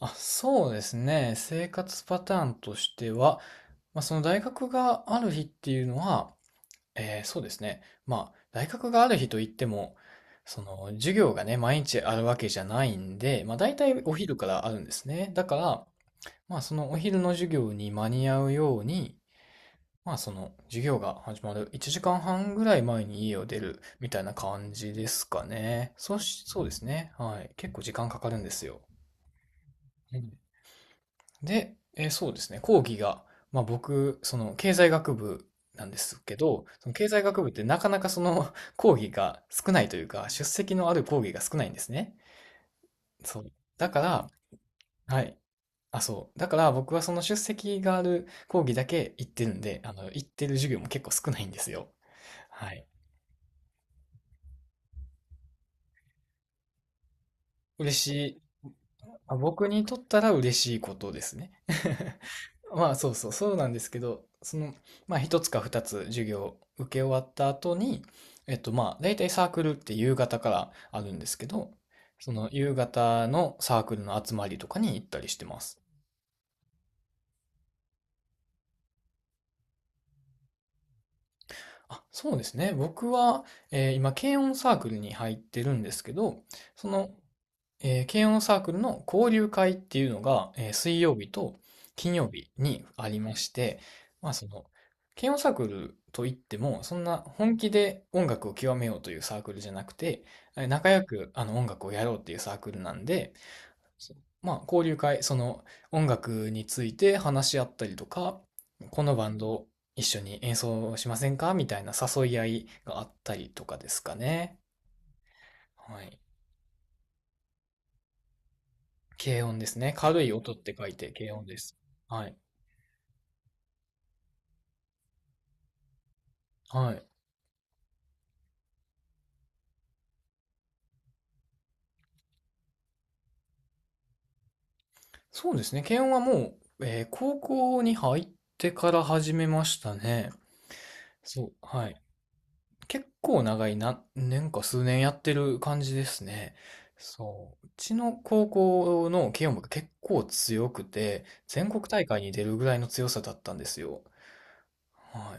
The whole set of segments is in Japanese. あ、そうですね。生活パターンとしては、まあ、その大学がある日っていうのは、まあ、大学がある日といっても、その授業がね、毎日あるわけじゃないんで、まあ、大体お昼からあるんですね。だから、まあ、そのお昼の授業に間に合うように、まあ、その授業が始まる1時間半ぐらい前に家を出るみたいな感じですかね。そうし、そうですね。はい。結構時間かかるんですよ。で、そうですね、講義が、まあ僕、その経済学部なんですけど、その経済学部ってなかなかその 講義が少ないというか、出席のある講義が少ないんですね。そう。だから、はい。あ、そう。だから僕はその出席がある講義だけ行ってるんで、あの、行ってる授業も結構少ないんですよ。はい。嬉しあ僕にとったら嬉しいことですね。まあそうなんですけど、その、まあ一つか二つ授業を受け終わった後に、まあ大体サークルって夕方からあるんですけど、その夕方のサークルの集まりとかに行ったりしてます。あ、そうですね。僕は、今、軽音サークルに入ってるんですけど、その軽音サークルの交流会っていうのが、水曜日と金曜日にありまして、まあその、軽音サークルといっても、そんな本気で音楽を極めようというサークルじゃなくて、仲良くあの音楽をやろうっていうサークルなんで、そうまあ交流会、その音楽について話し合ったりとか、このバンド一緒に演奏しませんかみたいな誘い合いがあったりとかですかね。はい。軽音ですね。軽い音って書いて軽音です。はい。はい。そうですね。軽音はもう、高校に入ってから始めましたね。そう。はい。結構長い何年か数年やってる感じですね。そう。うちの高校の軽音部が結構強くて、全国大会に出るぐらいの強さだったんですよ。は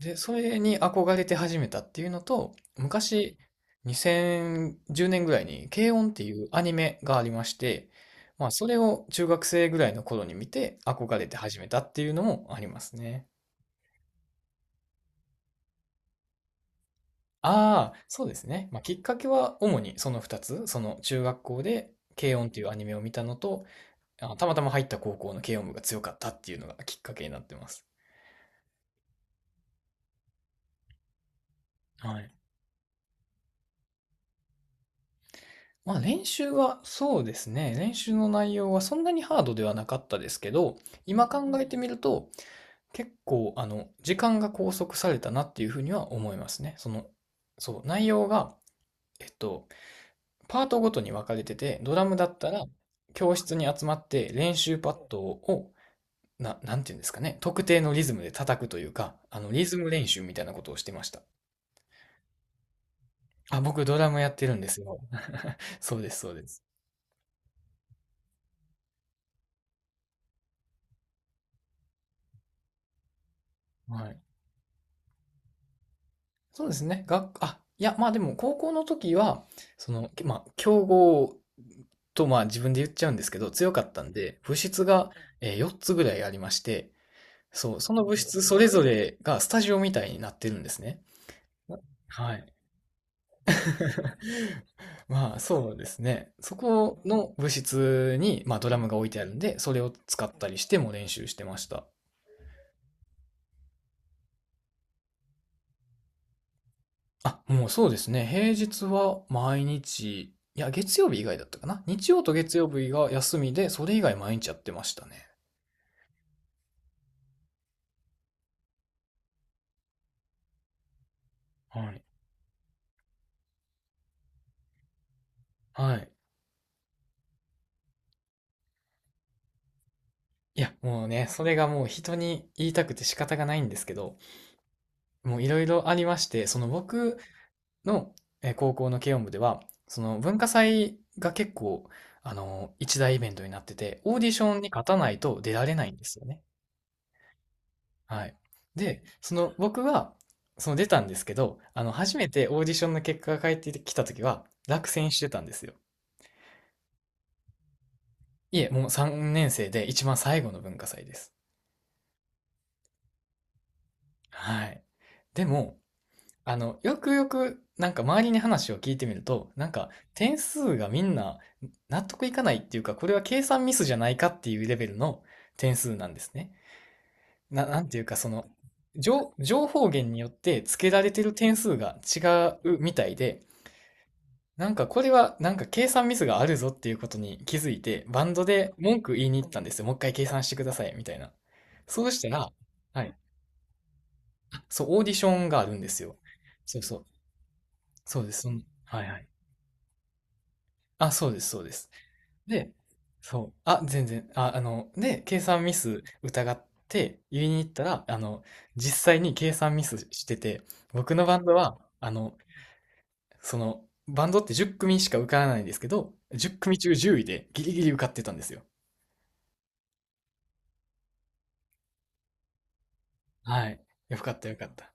い。で、それに憧れて始めたっていうのと、昔、2010年ぐらいに、軽音っていうアニメがありまして、まあ、それを中学生ぐらいの頃に見て、憧れて始めたっていうのもありますね。ああ、そうですね。まあ、きっかけは主にその2つ、その中学校で軽音っていうアニメを見たのと、あたまたま入った高校の軽音部が強かったっていうのがきっかけになってます。はい。まあ練習はそうですね。練習の内容はそんなにハードではなかったですけど、今考えてみると結構あの時間が拘束されたなっていうふうには思いますね。その、そう、内容が、えっと、パートごとに分かれてて、ドラムだったら教室に集まって練習パッドをなんていうんですかね、特定のリズムで叩くというか、あのリズム練習みたいなことをしてました。あ、僕ドラムやってるんですよ。そうです。はい。そうですね。いや、まあでも高校の時は、その、まあ、強豪とまあ自分で言っちゃうんですけど、強かったんで、部室が、4つぐらいありまして、そう、その部室それぞれがスタジオみたいになってるんですね。はい。まあそうですね。そこの部室に、まあ、ドラムが置いてあるんで、それを使ったりしても練習してました。あ、もうそうですね。平日は毎日、いや、月曜日以外だったかな。日曜と月曜日が休みで、それ以外毎日やってましたね。はい。はい。いや、もうね、それがもう人に言いたくて仕方がないんですけど、もういろいろありまして、その僕の高校の軽音部では、その文化祭が結構、あの、一大イベントになってて、オーディションに勝たないと出られないんですよね。はい。で、その僕は、その出たんですけど、あの、初めてオーディションの結果が返ってきた時は、落選してたんですよ。いえ、もう3年生で一番最後の文化祭です。はい。でも、あの、よくよく、なんか周りに話を聞いてみると、なんか点数がみんな納得いかないっていうか、これは計算ミスじゃないかっていうレベルの点数なんですね。なんていうか、その、情報源によって付けられてる点数が違うみたいで、なんかこれはなんか計算ミスがあるぞっていうことに気づいて、バンドで文句言いに行ったんですよ。もう一回計算してください、みたいな。そうしたら、はい。そう、オーディションがあるんですよ。そうそう。そうです。はいはい。あ、そうです。で、そう。あ、全然。あ、あの、で、計算ミス疑って言いに行ったら、あの、実際に計算ミスしてて、僕のバンドは、あの、その、バンドって10組しか受からないんですけど、10組中10位でギリギリ受かってたんですよ。はい。よかったよかった。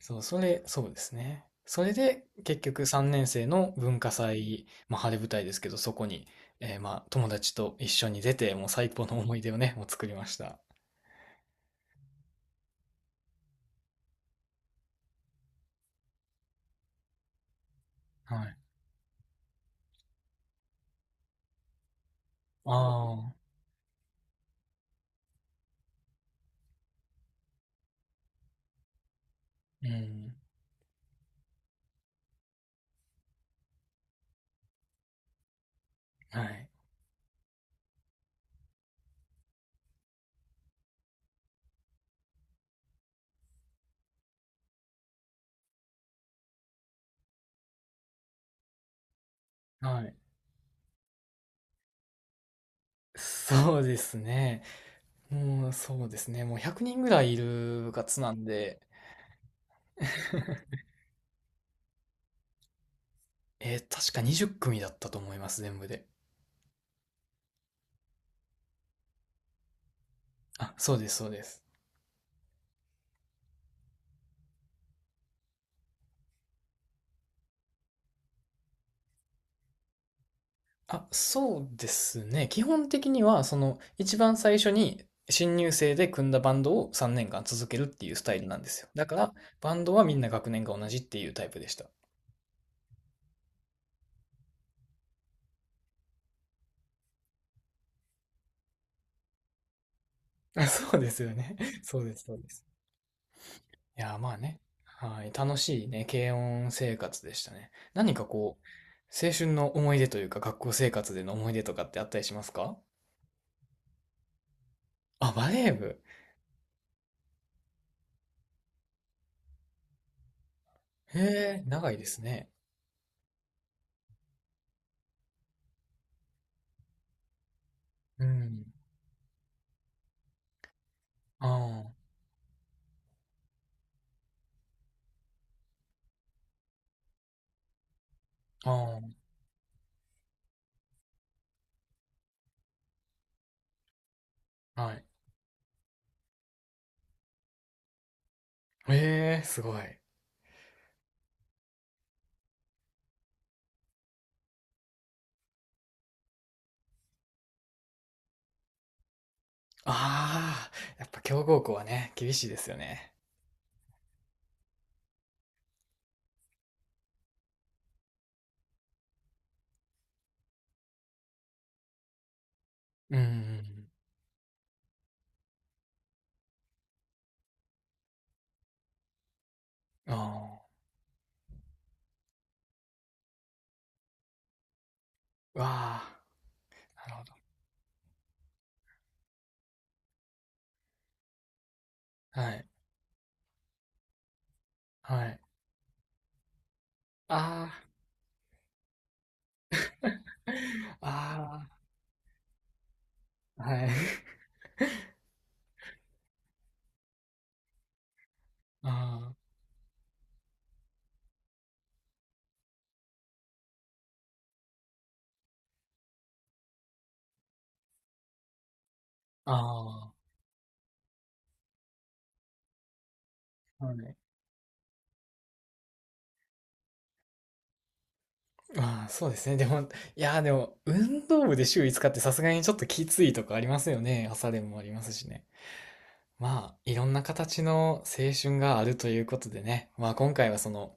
そう、それ、そうですね。それで、結局3年生の文化祭、まあ、晴れ舞台ですけど、そこに、まあ、友達と一緒に出て、もう最高の思い出をね、もう作りました。はい。ああ、うん。はい。はい。そうですね。もう、そうですね。もう100人ぐらいいる部活なんで、確か20組だったと思います、全部で。あ、そうです。あ、そうですね。基本的には、その、一番最初に新入生で組んだバンドを3年間続けるっていうスタイルなんですよ。だから、バンドはみんな学年が同じっていうタイプでした。あ、そうですよね。そうです。いやー、まあね。はい。楽しいね、軽音生活でしたね。何かこう、青春の思い出というか、学校生活での思い出とかってあったりしますか？あ、バレー部。へえ、長いですね。うん。ああ、ああ、はい。へえ、すごい。ああ、やっぱ強豪校はね、厳しいですよね。うんうんうん。ああ、わあ、なるほど。はい、はい。ああ、ああ、はい。ああ、ああ、はい。ああ、そうですね。でも、いやー、でも、運動部で週5日ってさすがにちょっときついとかありますよね。朝練もありますしね。まあ、いろんな形の青春があるということでね。まあ、今回はその、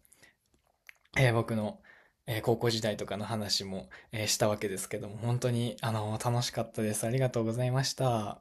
僕の、高校時代とかの話も、したわけですけども、本当に、あの、楽しかったです。ありがとうございました。